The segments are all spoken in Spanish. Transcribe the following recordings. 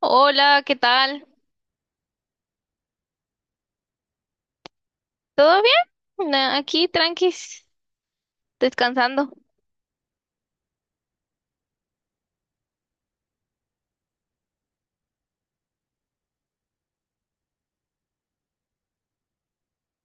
Hola, ¿qué tal? ¿Todo bien? Aquí tranquis, descansando.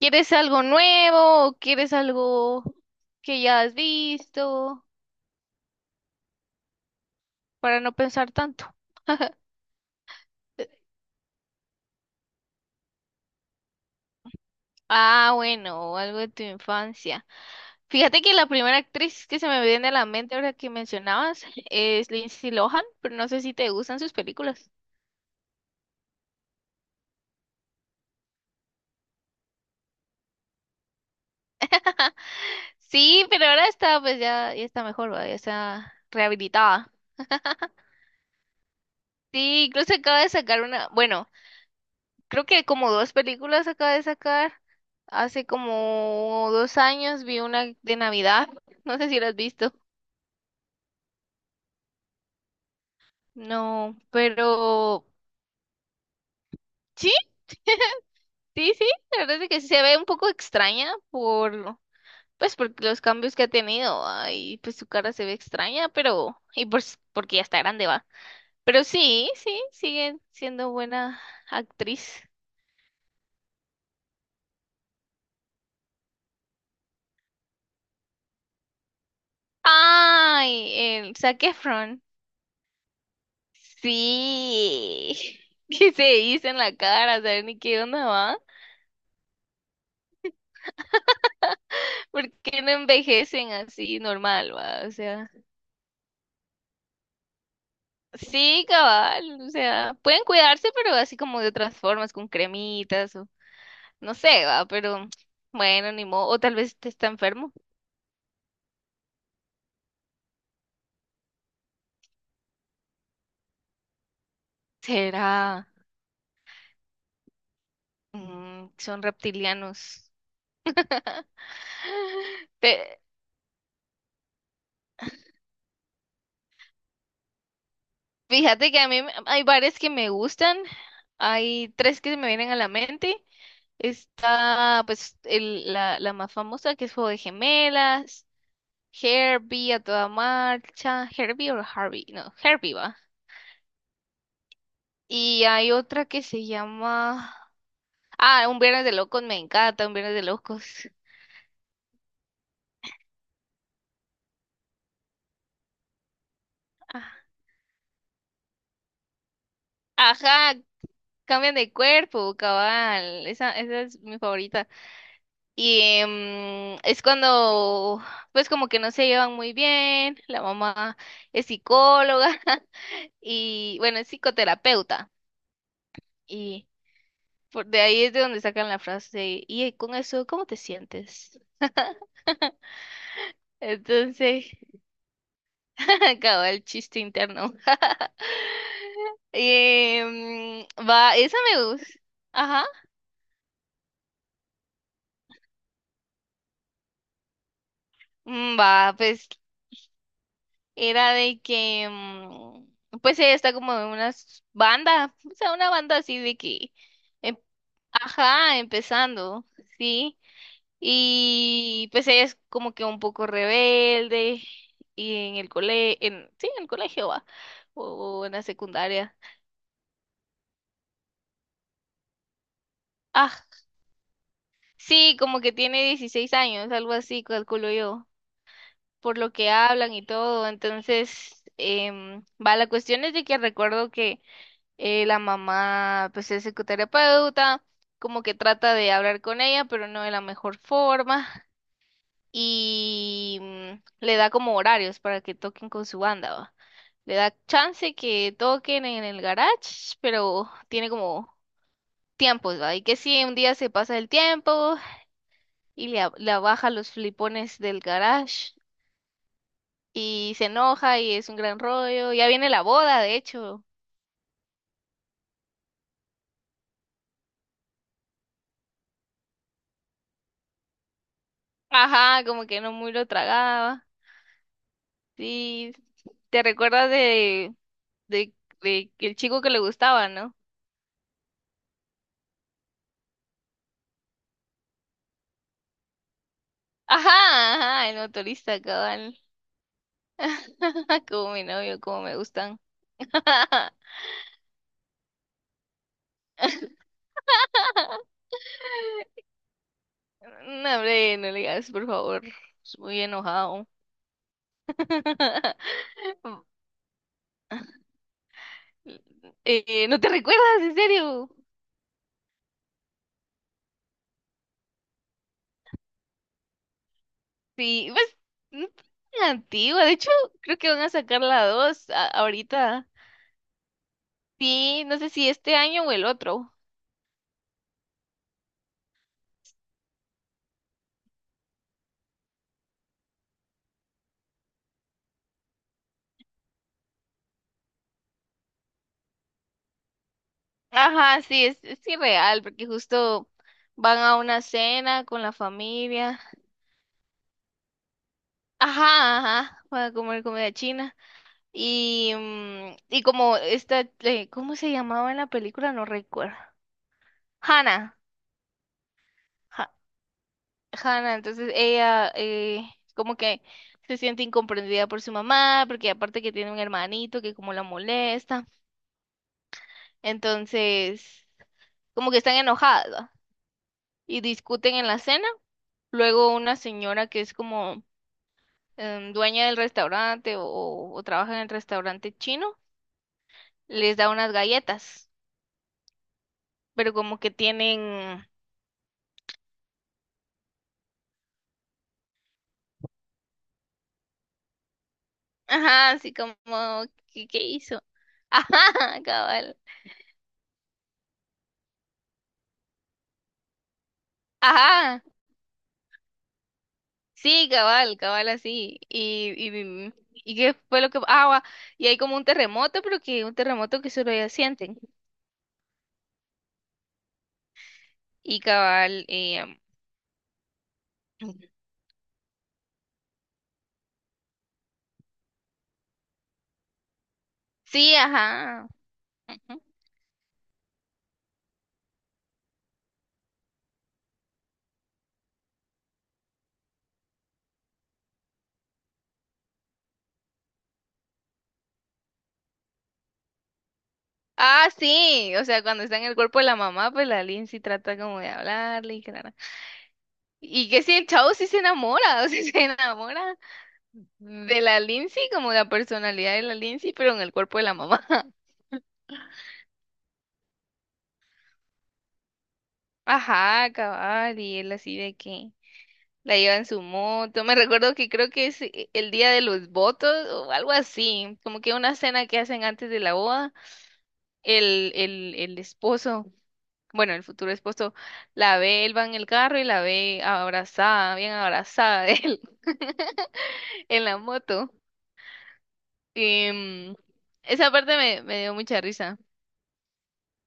¿Quieres algo nuevo o quieres algo que ya has visto para no pensar tanto? Bueno, o algo de tu infancia. Fíjate que la primera actriz que se me viene a la mente ahora que mencionabas es Lindsay Lohan, pero no sé si te gustan sus películas. Sí, pero ahora está, pues ya está mejor, ¿va? Ya está rehabilitada. Sí, incluso acaba de sacar una, bueno. Creo que como dos películas acaba de sacar. Hace como dos años vi una de Navidad. No sé si la has visto. No, pero sí, sí. La verdad es que sí se ve un poco extraña por, pues, por los cambios que ha tenido. Y pues su cara se ve extraña, pero y pues porque ya está grande va. Pero sí, sigue siendo buena actriz. Ay, el Zac Efron. Sí, que se dicen la cara, ¿saben ni qué onda va? ¿Por qué no envejecen así normal, va? O sea, sí, cabal, o sea, pueden cuidarse, pero así como de otras formas, con cremitas o no sé, va, pero bueno, ni modo, o tal vez te está enfermo. Será, son reptilianos. Te- Fíjate que hay bares que me gustan, hay tres que se me vienen a la mente. Está pues la más famosa que es Juego de Gemelas, Herbie a toda marcha, Herbie o Harvey, no, Herbie va. Y hay otra que se llama... Un Viernes de Locos, me encanta, Un Viernes de Locos. Ah, ajá, cambian de cuerpo, cabal, esa es mi favorita. Y es cuando, pues como que no se llevan muy bien, la mamá es psicóloga y bueno, es psicoterapeuta. Y por, de ahí es de donde sacan la frase, y con eso, ¿cómo te sientes? Entonces, acaba el chiste interno. Esa me gusta. Ajá. Va, pues era de que, pues ella está como en una banda, o sea, una banda así de que ajá, empezando, sí. Y pues ella es como que un poco rebelde y en el cole, en, sí, en el colegio va, o en la secundaria. Ah, sí, como que tiene 16 años, algo así, calculo yo, por lo que hablan y todo. Entonces, va, la cuestión es de que recuerdo que la mamá, pues es psicoterapeuta, como que trata de hablar con ella, pero no de la mejor forma. Y le da como horarios para que toquen con su banda, ¿va? Le da chance que toquen en el garage, pero tiene como tiempos, ¿va? Y que si un día se pasa el tiempo y le baja los flipones del garage y se enoja y es un gran rollo. Ya viene la boda, de hecho. Ajá, como que no muy lo tragaba. Sí, te recuerdas de, de el chico que le gustaba, ¿no? Ajá, ajá, el motorista, cabal. Como mi novio, como me gustan. No, hombre, no le digas, por favor. Es muy enojado. ¿No te recuerdas, en serio? Sí, pues, no es tan antigua. De hecho, creo que van a sacar la 2 ahorita. Sí, no sé si este año o el otro. Ajá, sí, es irreal, porque justo van a una cena con la familia. Ajá, van a comer comida china. Y, y como esta, ¿cómo se llamaba en la película? No recuerdo. Hannah. Ha- Hannah, entonces ella como que se siente incomprendida por su mamá, porque aparte que tiene un hermanito que como la molesta. Entonces, como que están enojadas, ¿va? Y discuten en la cena. Luego una señora que es como dueña del restaurante o trabaja en el restaurante chino, les da unas galletas, pero como que tienen ajá, así como, ¿qué, qué hizo? Ajá, cabal. Ajá, sí, cabal, así. Y qué fue lo que... Ah, va, y hay como un terremoto, pero que un terremoto que solo ellos sienten. Y cabal, sí, ajá. Ujú. Ah, sí, o sea, cuando está en el cuerpo de la mamá, pues la Lindsay trata como de hablarle y que y que si el chavo sí se enamora, o sea, se enamora de la Lindsay, como la personalidad de la Lindsay, pero en el cuerpo de la mamá. Ajá, cabal, y él así de que la lleva en su moto. Me recuerdo que creo que es el día de los votos o algo así, como que una cena que hacen antes de la boda, el esposo, bueno, el futuro esposo, la ve, él va en el carro y la ve abrazada, bien abrazada de él en la moto. Em, esa parte me dio mucha risa.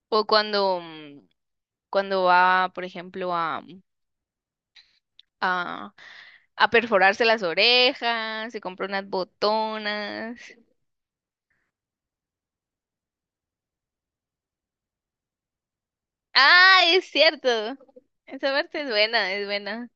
O cuando, cuando va, por ejemplo, a a perforarse las orejas, se compró unas botonas. Ah, es cierto. Esa parte es buena, es buena.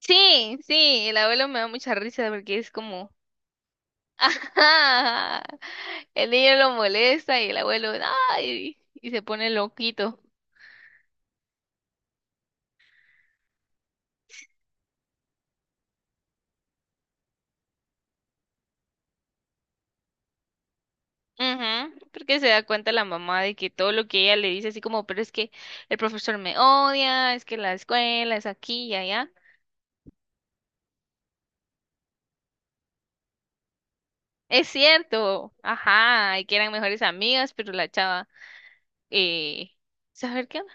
Sí, sí, el abuelo me da mucha risa porque es como, ajá, el niño lo molesta y el abuelo, ay, y se pone loquito. Ujú, porque se da cuenta la mamá de que todo lo que ella le dice, así como, pero es que el profesor me odia, es que la escuela es aquí y allá. Es cierto, ajá, y que eran mejores amigas, pero la chava. eh, Saber qué onda.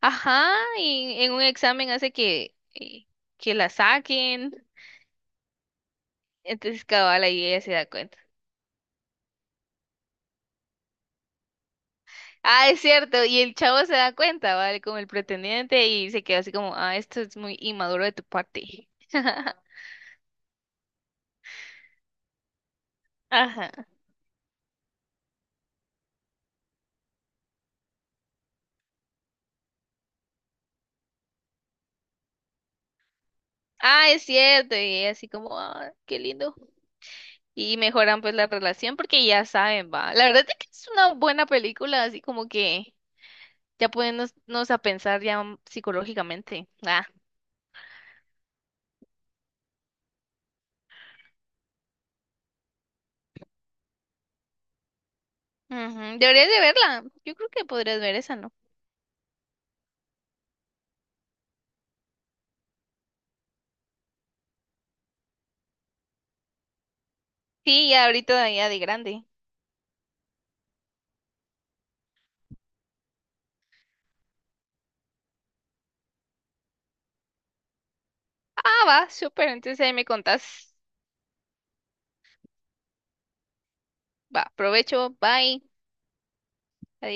Ajá, y en un examen hace que la saquen. Entonces cabal ahí ella se da cuenta. Ah, es cierto, y el chavo se da cuenta, ¿vale? Con el pretendiente y se quedó así como, ah, esto es muy inmaduro de tu parte. Ajá. Ah, es cierto, y ella así como, ah, qué lindo. Y mejoran pues la relación porque ya saben, va. La verdad es que es una buena película, así como que ya poniéndonos a pensar ya psicológicamente. Ujú, deberías de verla. Yo creo que podrías ver esa, ¿no? Sí, ya ahorita ya de grande. Ah, va, súper. Entonces ahí me contás. Va, provecho. Bye. Adiós.